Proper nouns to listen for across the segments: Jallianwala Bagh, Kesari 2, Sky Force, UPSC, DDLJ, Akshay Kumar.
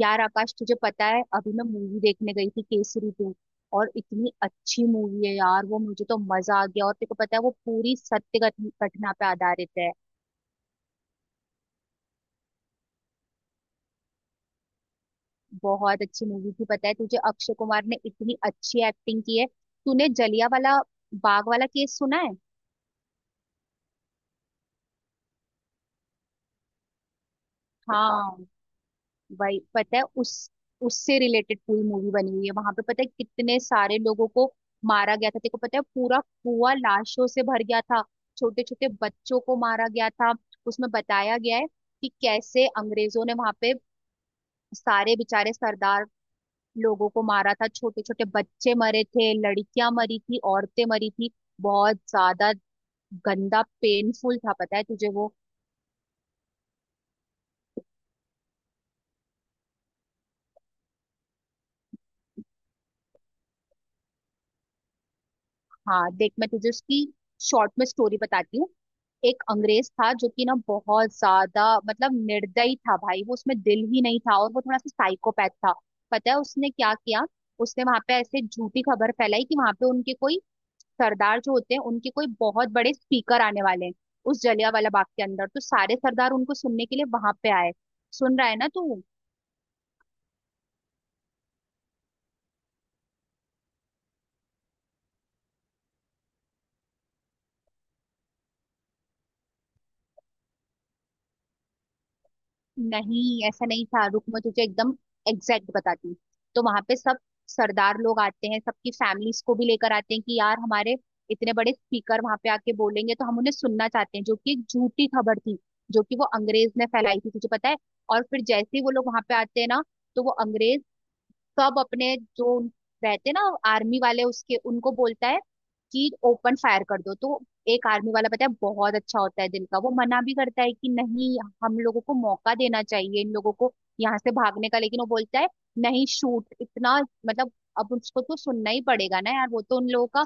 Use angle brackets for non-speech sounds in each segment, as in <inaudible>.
यार आकाश, तुझे पता है अभी मैं मूवी देखने गई थी केसरी टू। और इतनी अच्छी मूवी है यार वो, मुझे तो मजा आ गया। और तेरे को पता है वो पूरी सत्य घटना पे आधारित है। बहुत अच्छी मूवी थी। पता है तुझे, अक्षय कुमार ने इतनी अच्छी एक्टिंग की है। तूने जलिया वाला बाग वाला केस सुना है? हाँ। वही, पता है उस उससे रिलेटेड पूरी मूवी बनी हुई है। वहां पे पता है कितने सारे लोगों को मारा गया था। देखो पता है, पूरा कुआं लाशों से भर गया था। छोटे छोटे बच्चों को मारा गया था। उसमें बताया गया है कि कैसे अंग्रेजों ने वहां पे सारे बेचारे सरदार लोगों को मारा था। छोटे छोटे बच्चे मरे थे, लड़कियां मरी थी, औरतें मरी थी। बहुत ज्यादा गंदा, पेनफुल था, पता है तुझे वो? हाँ देख, मैं तुझे उसकी शॉर्ट में स्टोरी बताती हूँ। एक अंग्रेज था जो कि ना बहुत ज्यादा, मतलब निर्दयी था भाई, वो उसमें दिल ही नहीं था, और वो थोड़ा सा साइकोपैथ था। पता है उसने क्या किया? उसने वहां पे ऐसे झूठी खबर फैलाई कि वहां पे उनके कोई सरदार जो होते हैं, उनके कोई बहुत बड़े स्पीकर आने वाले हैं उस जलियांवाला बाग के अंदर। तो सारे सरदार उनको सुनने के लिए वहां पे आए। सुन रहा है ना तू? नहीं, ऐसा नहीं था। रुक, मैं तुझे एकदम एग्जैक्ट बताती हूँ। तो वहां पे सब सरदार लोग आते हैं, सबकी फैमिलीज को भी लेकर आते हैं कि यार हमारे इतने बड़े स्पीकर वहां पे आके बोलेंगे तो हम उन्हें सुनना चाहते हैं, जो कि एक झूठी खबर थी, जो कि वो अंग्रेज ने फैलाई थी, तुझे पता है। और फिर जैसे ही वो लोग वहां पे आते हैं ना, तो वो अंग्रेज सब अपने जो रहते ना, आर्मी वाले, उसके, उनको बोलता है कि ओपन फायर कर दो। तो एक आर्मी वाला पता है बहुत अच्छा होता है दिल का, वो मना भी करता है कि नहीं, हम लोगों को मौका देना चाहिए इन लोगों को यहाँ से भागने का। लेकिन वो बोलता है नहीं, शूट। इतना मतलब, अब उसको तो सुनना ही पड़ेगा ना यार, वो तो उन लोगों का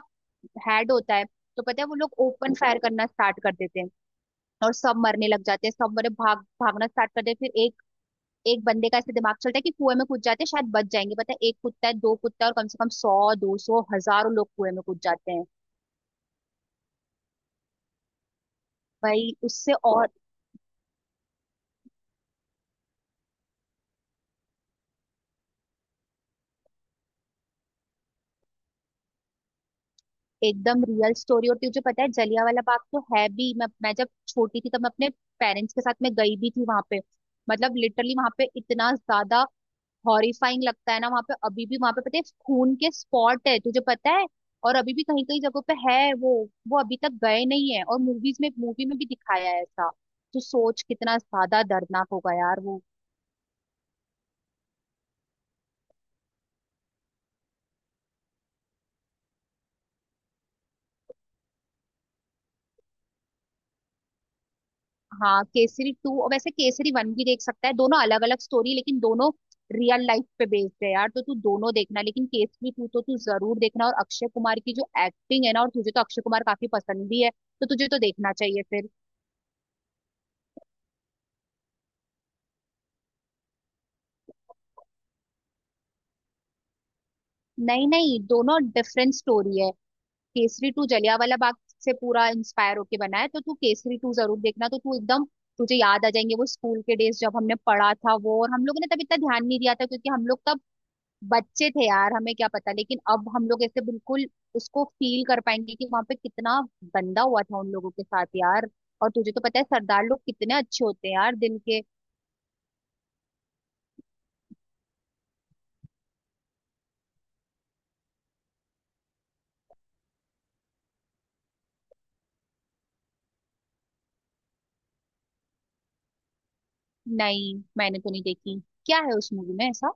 हेड होता है। तो पता है वो लोग ओपन फायर करना स्टार्ट कर देते हैं और सब मरने लग जाते हैं। सब मरे, भागना स्टार्ट कर देते हैं। फिर एक एक बंदे का ऐसे दिमाग चलता है कि कुएं में कूद जाते हैं, शायद बच जाएंगे। पता है एक कुत्ता है, दो कुत्ता है, और कम से कम 100 200 हजारों लोग कुएं में कूद जाते हैं। भाई उससे और, एकदम रियल स्टोरी। और तुझे पता है जलियांवाला बाग तो है भी, मैं जब छोटी थी तब मैं अपने पेरेंट्स के साथ मैं गई भी थी वहां पे। मतलब लिटरली वहां पे इतना ज्यादा हॉरिफाइंग लगता है ना। वहां पे अभी भी, वहां पे पता है खून के स्पॉट है, तुझे पता है? और अभी भी कहीं कहीं जगहों पे है वो। अभी तक गए नहीं है। और मूवीज में, मूवी में भी दिखाया है ऐसा। तो सोच कितना ज्यादा दर्दनाक होगा यार वो। हाँ, केसरी टू, और वैसे केसरी वन भी देख सकता है। दोनों अलग अलग स्टोरी, लेकिन दोनों रियल लाइफ पे बेस्ड है यार। तो तू दोनों देखना, लेकिन केसरी टू तो तू जरूर देखना। और अक्षय कुमार की जो एक्टिंग है ना, और तुझे तो अक्षय कुमार काफी पसंद भी है, तो तुझे तो देखना चाहिए फिर। नहीं नहीं, दोनों डिफरेंट स्टोरी है। केसरी टू जलियांवाला बाग से पूरा इंस्पायर होके बना है। तो तू केसरी टू जरूर देखना, तो तू एकदम, तुझे याद आ जाएंगे वो स्कूल के डेज जब हमने पढ़ा था वो। और हम लोगों ने तब इतना ध्यान नहीं दिया था क्योंकि हम लोग तब बच्चे थे यार, हमें क्या पता। लेकिन अब हम लोग ऐसे बिल्कुल उसको फील कर पाएंगे कि वहां पे कितना गंदा हुआ था उन लोगों के साथ यार। और तुझे तो पता है सरदार लोग कितने अच्छे होते हैं यार दिल के। नहीं, मैंने तो नहीं देखी। क्या है उस मूवी में ऐसा?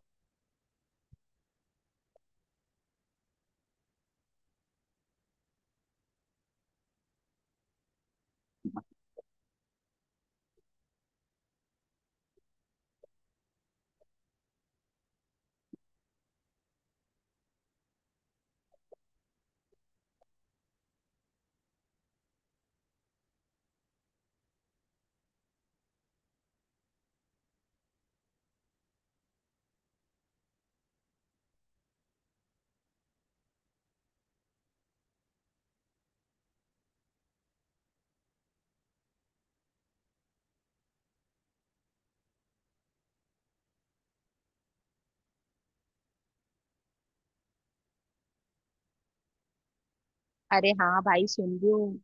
अरे हाँ भाई, सुन रही हूँ।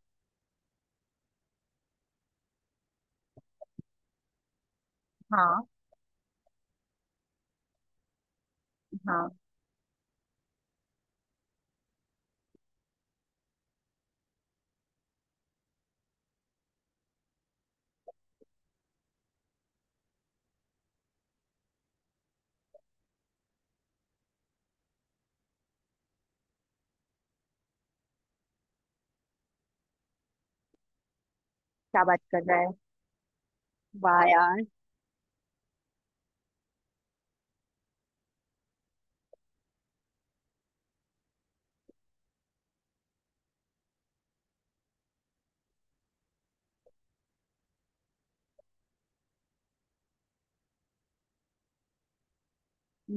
हाँ हाँ, क्या बात कर रहा है। वाह यार।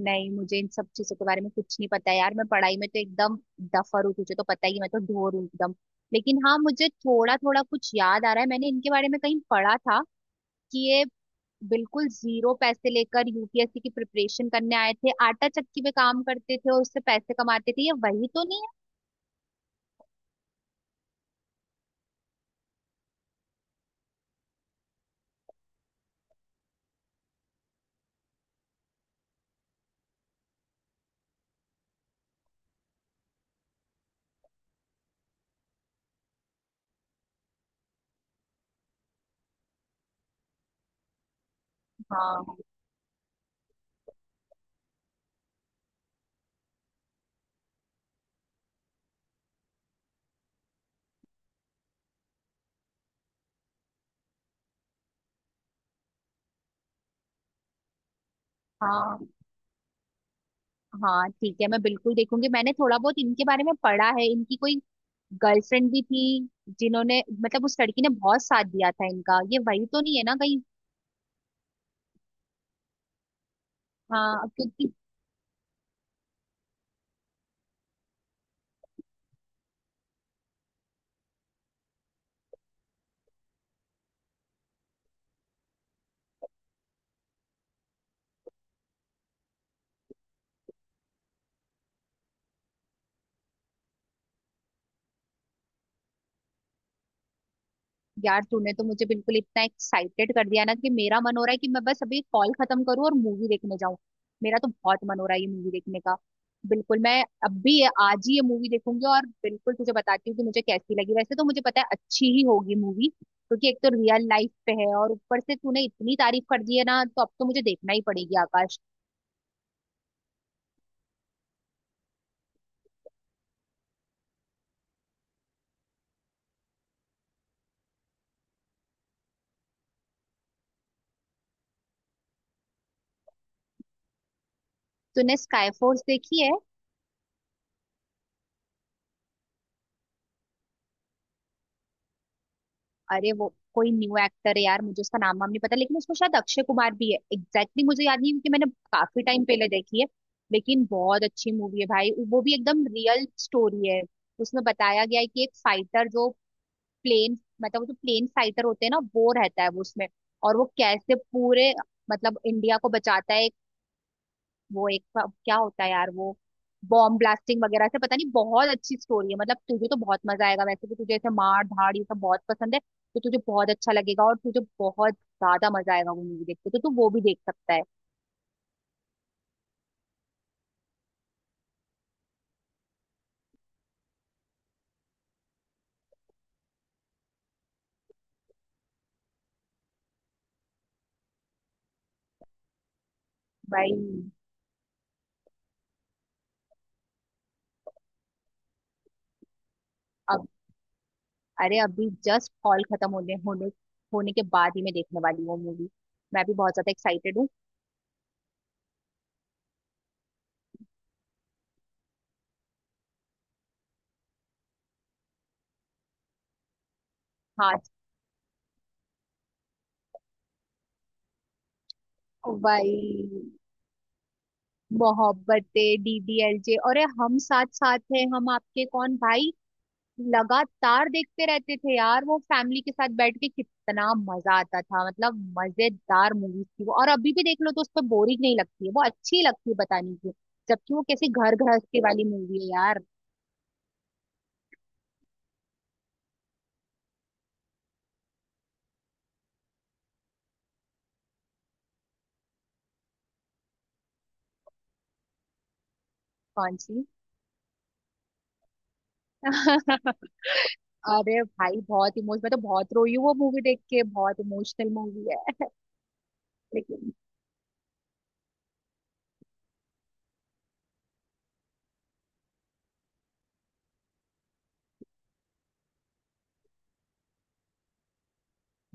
नहीं, मुझे इन सब चीजों के बारे में कुछ नहीं पता है यार। मैं पढ़ाई में तो एकदम डफर हूँ, तुझे तो पता ही है, मैं तो ढोर हूँ एकदम। लेकिन हाँ, मुझे थोड़ा थोड़ा कुछ याद आ रहा है, मैंने इनके बारे में कहीं पढ़ा था कि ये बिल्कुल जीरो पैसे लेकर यूपीएससी की प्रिपरेशन करने आए थे, आटा चक्की पे काम करते थे और उससे पैसे कमाते थे। ये वही तो नहीं है? हाँ हाँ। हाँ ठीक है, मैं बिल्कुल देखूंगी। मैंने थोड़ा बहुत इनके बारे में पढ़ा है। इनकी कोई गर्लफ्रेंड भी थी जिन्होंने, मतलब उस लड़की ने, बहुत साथ दिया था इनका। ये वही तो नहीं है ना कहीं? हाँ, अब क्योंकि, यार तूने तो मुझे बिल्कुल इतना एक्साइटेड कर दिया ना कि मेरा मन हो रहा है कि मैं बस अभी कॉल खत्म करूँ और मूवी देखने जाऊं। मेरा तो बहुत मन हो रहा है ये मूवी देखने का। बिल्कुल, मैं अब भी आज ही ये मूवी देखूंगी और बिल्कुल तुझे बताती हूँ कि मुझे कैसी लगी। वैसे तो मुझे पता है अच्छी ही होगी मूवी, क्योंकि एक तो रियल लाइफ पे है और ऊपर से तूने इतनी तारीफ कर दी है ना। तो अब तो मुझे देखना ही पड़ेगी आकाश। तूने स्काई फोर्स देखी है? अरे वो कोई न्यू एक्टर है यार, मुझे उसका नाम वाम नहीं पता, लेकिन उसमें शायद अक्षय कुमार भी है। एग्जैक्टली, मुझे याद नहीं क्योंकि मैंने काफी टाइम पहले देखी है। लेकिन बहुत अच्छी मूवी है भाई। वो भी एकदम रियल स्टोरी है। उसमें बताया गया है कि एक फाइटर जो प्लेन, मतलब वो जो प्लेन फाइटर होते हैं ना, वो रहता है वो उसमें। और वो कैसे पूरे, मतलब इंडिया को बचाता है। वो एक क्या होता है यार वो, बॉम्ब ब्लास्टिंग वगैरह से, पता नहीं, बहुत अच्छी स्टोरी है। मतलब तुझे तो बहुत मजा आएगा, वैसे भी तुझे ऐसे मार धाड़ ये सब बहुत पसंद है। तो तुझे बहुत अच्छा लगेगा और तुझे बहुत ज्यादा मजा आएगा वो मूवी देख के। तो तू वो भी देख सकता है। भाई अब, अरे अभी जस्ट हॉल खत्म होने होने होने के बाद ही मैं देखने वाली हूँ वो मूवी। मैं भी बहुत ज्यादा एक्साइटेड हूँ। हाँ भाई, मोहब्बतें, डीडीएलजे, अरे हम साथ साथ हैं, हम आपके कौन, भाई लगातार देखते रहते थे यार वो, फैमिली के साथ बैठ के कितना मजा आता था। मतलब मजेदार मूवीज थी वो। और अभी भी देख लो तो उस पर बोरिंग नहीं लगती है वो, अच्छी लगती है बताने की। जबकि वो कैसी घर गृहस्थी वाली मूवी है यार। कौन सी? <laughs> अरे भाई बहुत इमोश मैं तो बहुत रोई हूँ वो मूवी देख के, बहुत इमोशनल मूवी है। लेकिन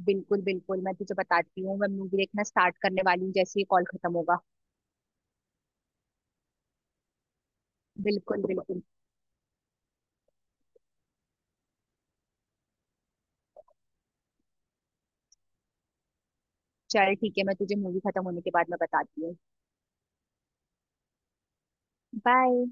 बिल्कुल बिल्कुल, मैं तुझे बताती हूँ, मैं मूवी देखना स्टार्ट करने वाली हूँ जैसे ही कॉल खत्म होगा। बिल्कुल बिल्कुल। चल ठीक है, मैं तुझे मूवी खत्म होने के बाद मैं बताती हूँ। बाय।